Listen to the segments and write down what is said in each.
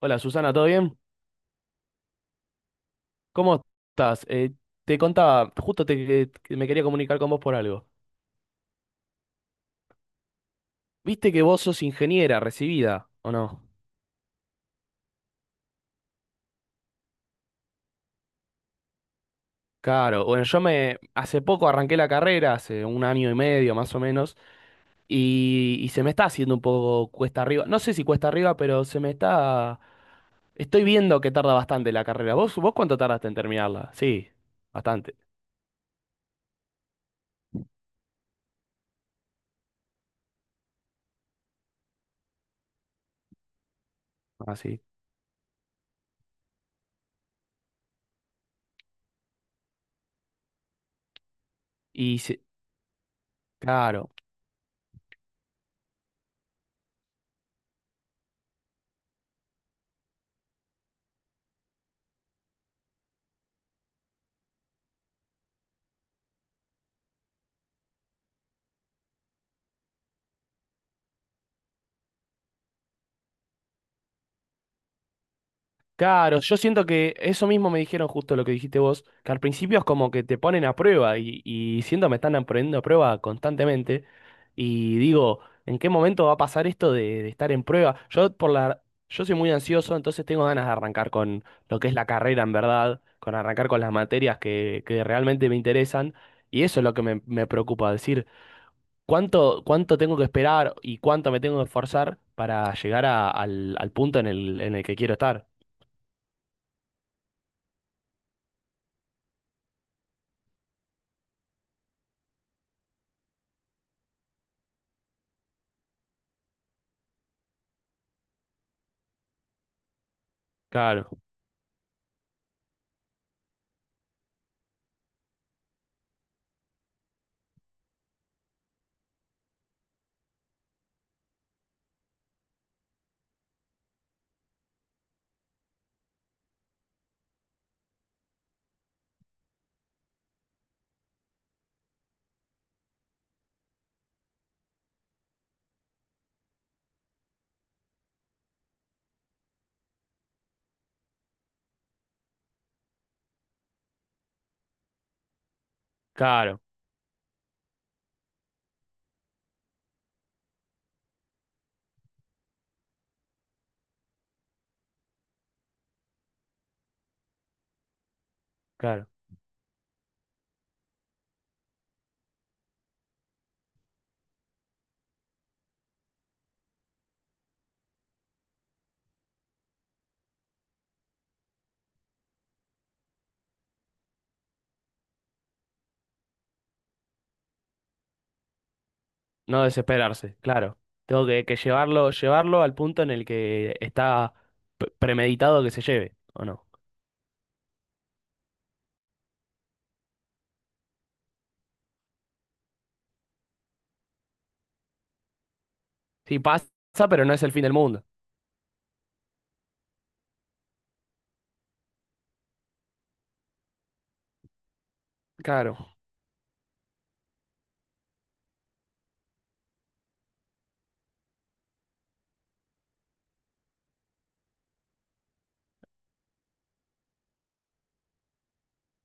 Hola Susana, ¿todo bien? ¿Cómo estás? Te contaba, que me quería comunicar con vos por algo. ¿Viste que vos sos ingeniera recibida o no? Claro, bueno, yo me hace poco arranqué la carrera, hace un año y medio más o menos, y se me está haciendo un poco cuesta arriba. No sé si cuesta arriba, pero se me está... Estoy viendo que tarda bastante la carrera. ¿Vos cuánto tardaste en terminarla? Sí, bastante. Así. Y se- claro. Claro, yo siento que eso mismo me dijeron justo lo que dijiste vos, que al principio es como que te ponen a prueba y siento me están poniendo a prueba constantemente y digo, ¿en qué momento va a pasar esto de estar en prueba? Yo soy muy ansioso, entonces tengo ganas de arrancar con lo que es la carrera en verdad, con arrancar con las materias que realmente me interesan y eso es lo que me preocupa, decir, ¿cuánto tengo que esperar y cuánto me tengo que esforzar para llegar al punto en el que quiero estar? Claro. Claro, claro. No desesperarse, claro. Tengo que llevarlo al punto en el que está premeditado que se lleve, ¿o no? Sí, pasa, pero no es el fin del mundo. Claro,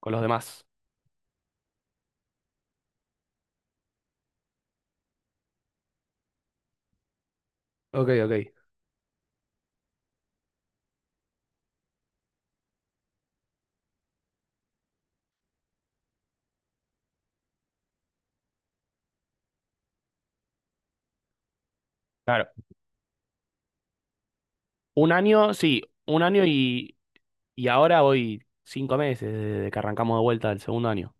con los demás. Ok, ok. Claro. Un año, sí, y ahora voy 5 meses desde que arrancamos de vuelta del segundo año.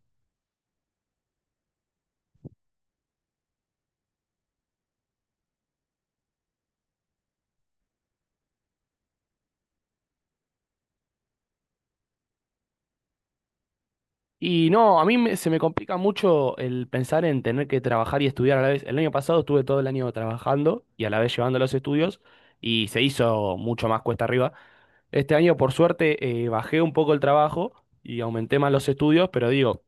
Y no, se me complica mucho el pensar en tener que trabajar y estudiar a la vez. El año pasado estuve todo el año trabajando y a la vez llevando los estudios y se hizo mucho más cuesta arriba. Este año, por suerte, bajé un poco el trabajo y aumenté más los estudios, pero digo,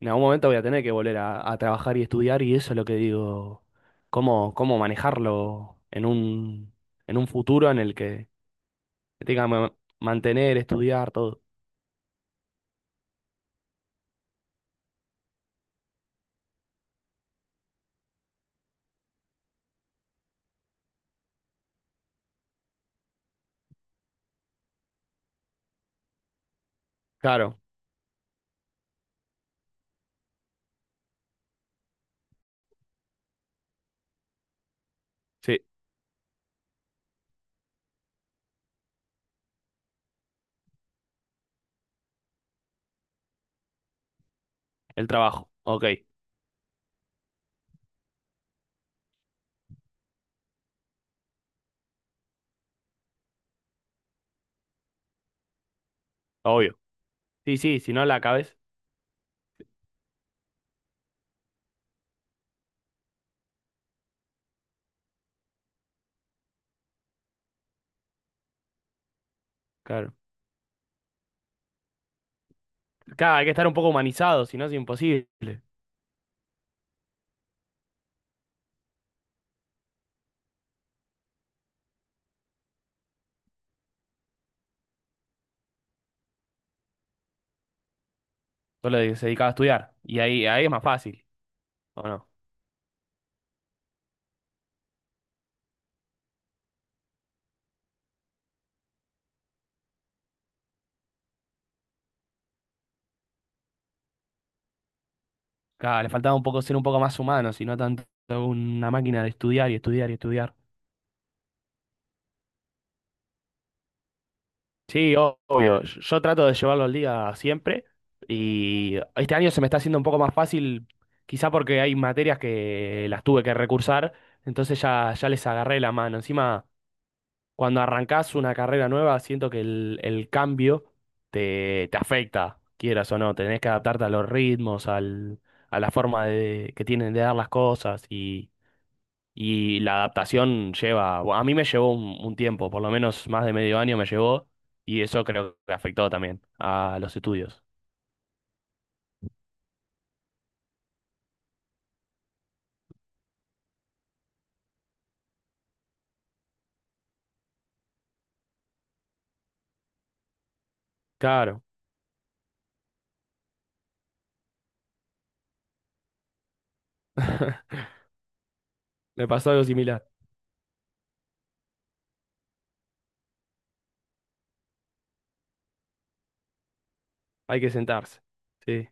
en algún momento voy a tener que volver a trabajar y estudiar y eso es lo que digo, cómo manejarlo en un futuro en el que tenga mantener, estudiar, todo. Claro, sí, el trabajo, ok, obvio. Sí, sí, si no la acabes, claro. Claro, hay que estar un poco humanizado, si no es imposible. Se dedicaba a estudiar y ahí, ahí es más fácil, ¿o no? Claro, le faltaba un poco ser un poco más humano, si no tanto una máquina de estudiar y estudiar y estudiar. Sí, obvio. Yo trato de llevarlo al día siempre y este año se me está haciendo un poco más fácil, quizá porque hay materias que las tuve que recursar, entonces ya, ya les agarré la mano. Encima, cuando arrancás una carrera nueva, siento que el cambio te, te afecta, quieras o no. Tenés que adaptarte a los ritmos, al, a la forma de, que tienen de dar las cosas. Y la adaptación lleva, a mí me llevó un tiempo, por lo menos más de medio año me llevó, y eso creo que afectó también a los estudios. Claro, me pasó algo similar. Hay que sentarse. Sí.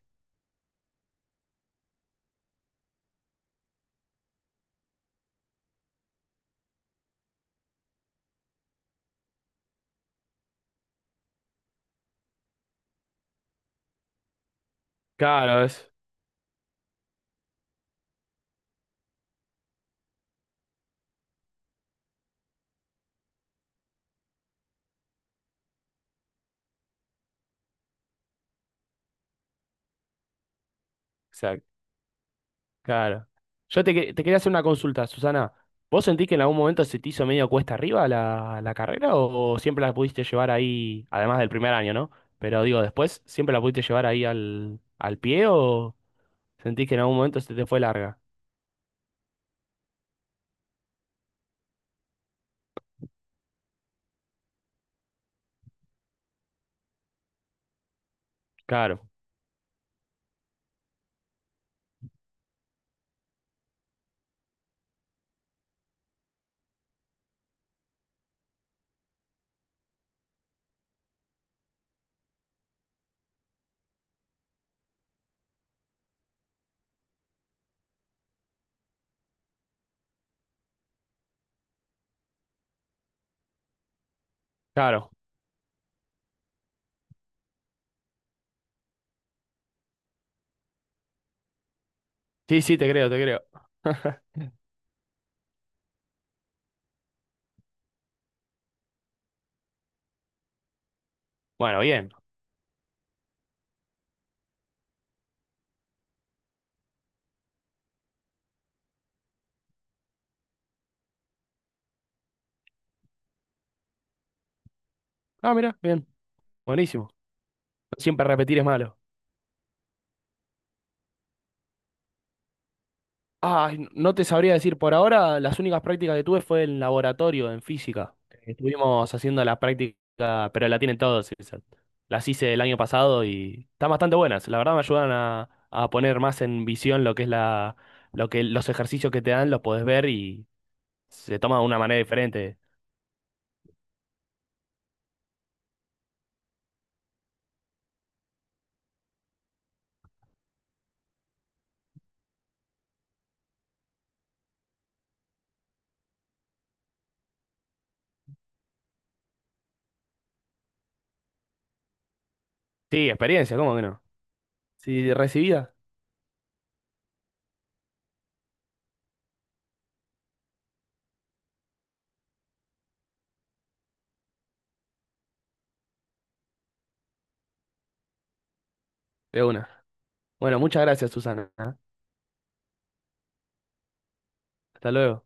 Claro, es. Exacto, claro. Yo te, te quería hacer una consulta, Susana. ¿Vos sentís que en algún momento se te hizo medio cuesta arriba la carrera o siempre la pudiste llevar ahí, además del primer año, ¿no? Pero digo, después, ¿siempre la pudiste llevar ahí al pie o sentís que en algún momento se te fue larga? Claro, claro. Sí, sí, te creo, te creo. Bueno, bien. Ah, mira, bien. Buenísimo. Siempre repetir es malo. Ah, no te sabría decir, por ahora las únicas prácticas que tuve fue en laboratorio, en física. Estuvimos haciendo las prácticas, pero la tienen todos esas. Las hice el año pasado y están bastante buenas. La verdad me ayudan a poner más en visión lo que es la, lo que los ejercicios que te dan, los podés ver y se toma de una manera diferente. Sí, experiencia, ¿cómo que no? Sí, recibida, de una. Bueno, muchas gracias, Susana. ¿Eh? Hasta luego.